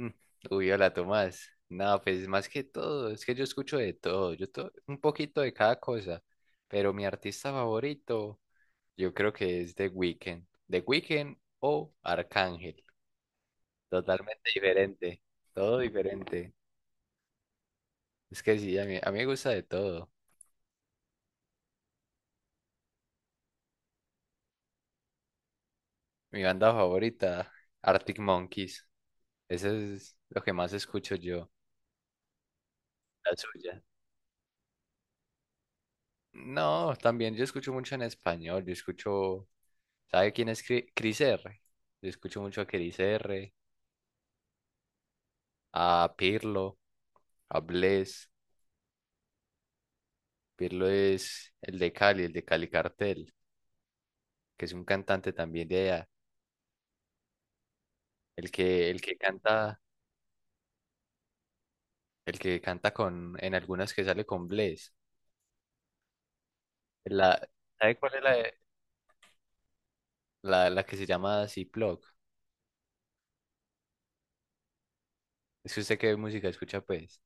Mm. Uy, hola Tomás. No, pues más que todo, es que yo escucho de todo, un poquito de cada cosa, pero mi artista favorito yo creo que es The Weeknd, The Weeknd o Arcángel, totalmente diferente, todo diferente. Es que sí, a mí me gusta de todo. Mi banda favorita, Arctic Monkeys, eso es lo que más escucho yo, la suya. No, también yo escucho mucho en español, yo escucho. ¿Sabe quién es Chris R? Yo escucho mucho a Chris R, a Pirlo, a Bless. Pirlo es el de Cali Cartel, que es un cantante también de allá. El que canta, el que canta con, en algunas que sale con Bless. La, ¿sabe cuál es la que se llama Ziploc? Es que usted qué música escucha, pues.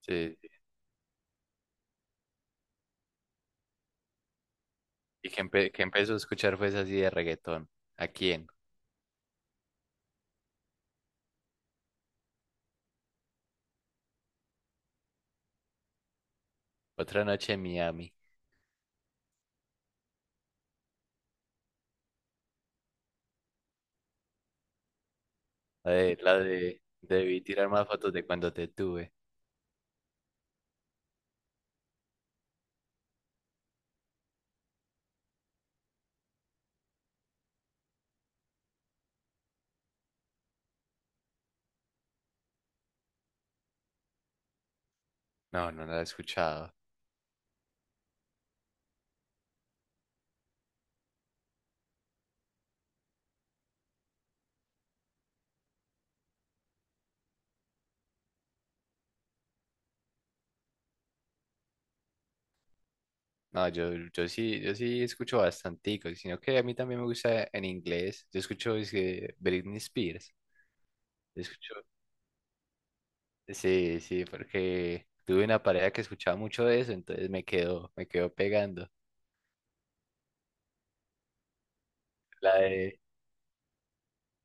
Sí, sí. Y que, que empezó a escuchar pues así de reggaetón. ¿A quién? Otra noche en Miami. La de debí tirar más fotos de cuando te tuve. No, no la he escuchado. No, yo sí, yo sí escucho bastantico, sino que a mí también me gusta en inglés. Yo escucho es que, Britney Spears. Yo escucho. Sí, sí, porque tuve una pareja que escuchaba mucho de eso, entonces me quedó pegando. La de,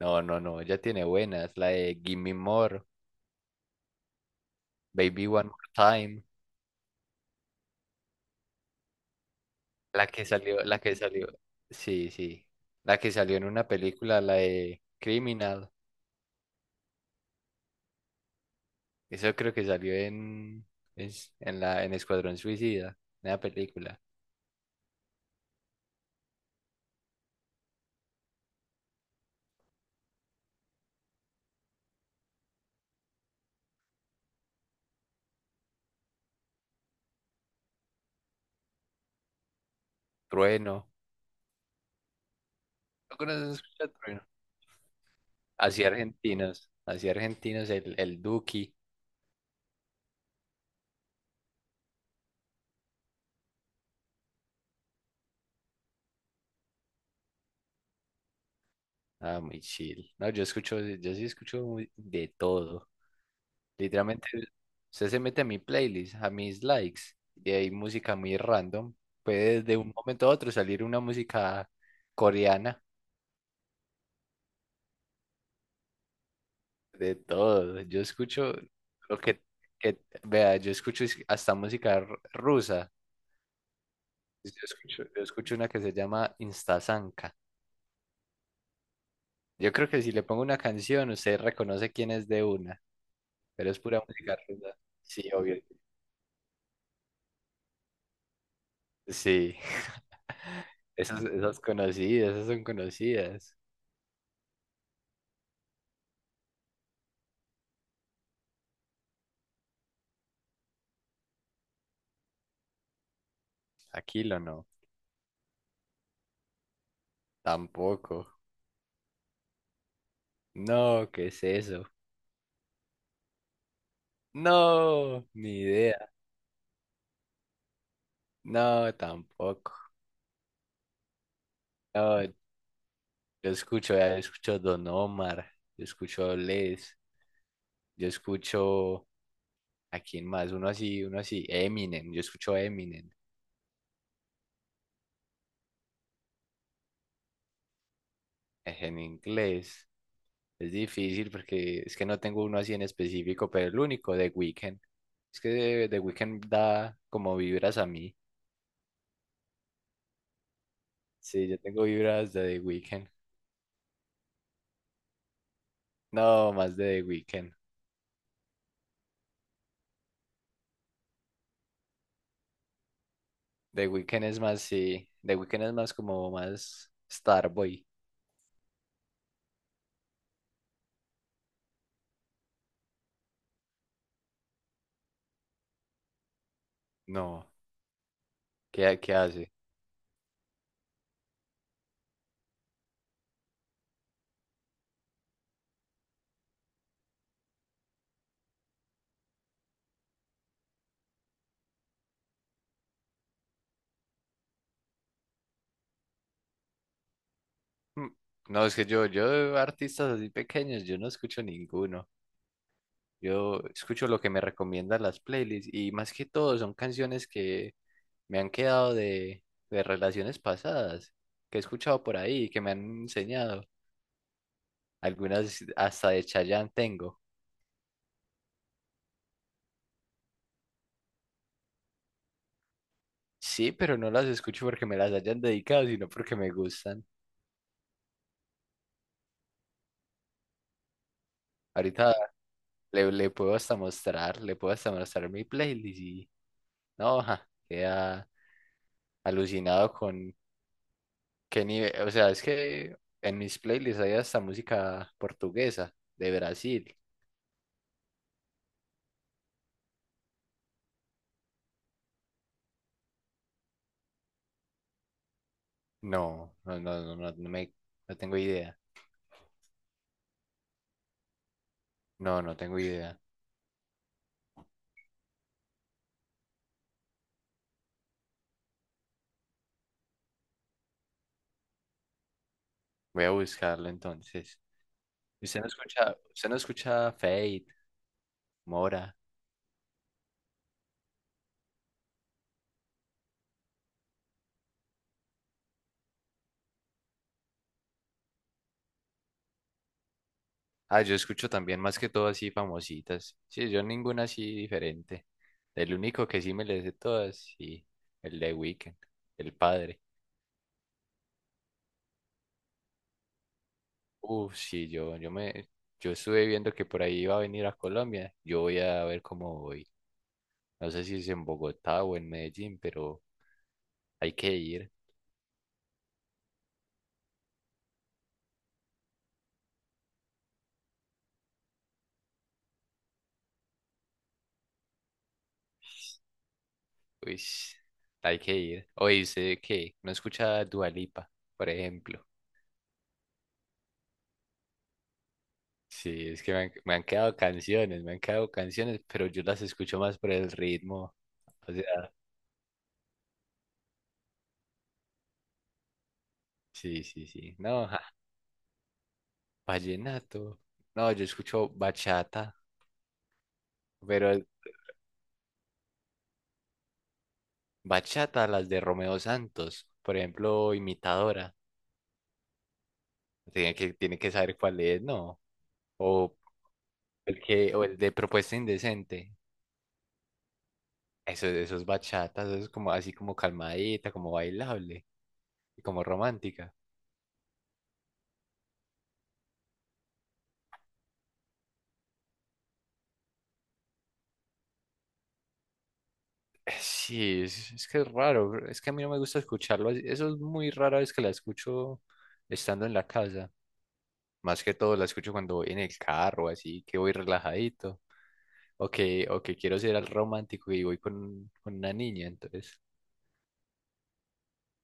no, no, no, ya tiene buenas. La de Give Me More, Baby One More Time. La que salió, sí, sí. La que salió en una película, la de Criminal. Eso creo que salió en, en Escuadrón Suicida, en la película. Trueno. ¿No conoces a Trueno? Así argentinos. Así argentinos, el Duki. Ah, muy chill. No, yo escucho, yo sí de todo. Literalmente, usted se mete a mi playlist, a mis likes, y hay música muy random. Puede de un momento a otro salir una música coreana. De todo. Yo escucho lo que, vea, yo hasta rusa. Yo escucho una que se llama Instasanka. Yo creo que si le pongo una canción, usted reconoce quién es de una, pero es pura música rusa. Sí, obvio. Sí. Esas, esas conocidas, esas son conocidas. Aquilo no, tampoco. No, ¿qué es eso? No, ni idea. No, tampoco. No, yo escucho, ya escucho Don Omar, yo escucho Les, yo escucho a quién más, uno así, Eminem, yo escucho Eminem, en inglés. Es difícil porque es que no tengo uno así en específico, pero el único, The Weeknd. Es que The Weeknd da como vibras a mí. Sí, yo tengo vibras de The Weeknd. No, más de The Weeknd. The Weeknd es más, sí, The Weeknd es más como más Starboy. No, ¿qué hace? Mm. No, es que yo de artistas así pequeños, yo no escucho ninguno. Yo escucho lo que me recomiendan las playlists y más que todo son canciones que me han quedado de relaciones pasadas, que he escuchado por ahí, que me han enseñado. Algunas hasta de Chayanne tengo. Sí, pero no las escucho porque me las hayan dedicado, sino porque me gustan. Ahorita le puedo hasta mostrar, le puedo hasta mostrar mi playlist y no, ja, queda alucinado con. Qué nivel, o sea, es que en mis playlists hay hasta música portuguesa de Brasil. No, no, no, no, no, no tengo idea. No, no tengo idea. Voy a buscarlo entonces. Usted no escucha Fate, Mora? Ah, yo escucho también más que todo así famositas. Sí, yo ninguna así diferente. El único que sí me le sé todas, sí, el de Weekend, el padre. Uf, sí, yo estuve viendo que por ahí iba a venir a Colombia. Yo voy a ver cómo voy. No sé si es en Bogotá o en Medellín, pero hay que ir. Uy, hay que ir. O dice que no escucha Dua Lipa, por ejemplo. Sí, es que me han quedado canciones, me han quedado canciones, pero yo las escucho más por el ritmo. O sea, sí, sí, sí. No, ja, vallenato. No, yo escucho bachata, pero el- bachata, las de Romeo Santos, por ejemplo, imitadora. Tiene que saber cuál es, ¿no? O el de Propuesta Indecente. Eso es bachata, eso es como así como calmadita, como bailable y como romántica. Sí, es que es raro, bro, es que a mí no me gusta escucharlo así. Eso es muy rara vez que la escucho estando en la casa. Más que todo la escucho cuando voy en el carro, así que voy relajadito. O que quiero ser el romántico y voy con una niña, entonces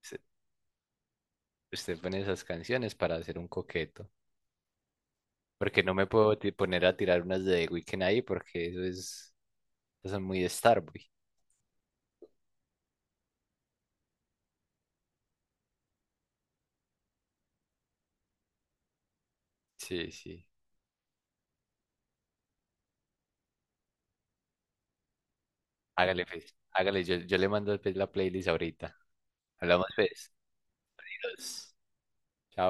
se- usted pone esas canciones para hacer un coqueto. Porque no me puedo poner a tirar unas de The Weeknd ahí porque eso es, eso son muy Starboy. Sí, sí. Hágale, pues. Hágale, yo le mando pues, la playlist ahorita. Hablamos, pues. Adiós. Chao.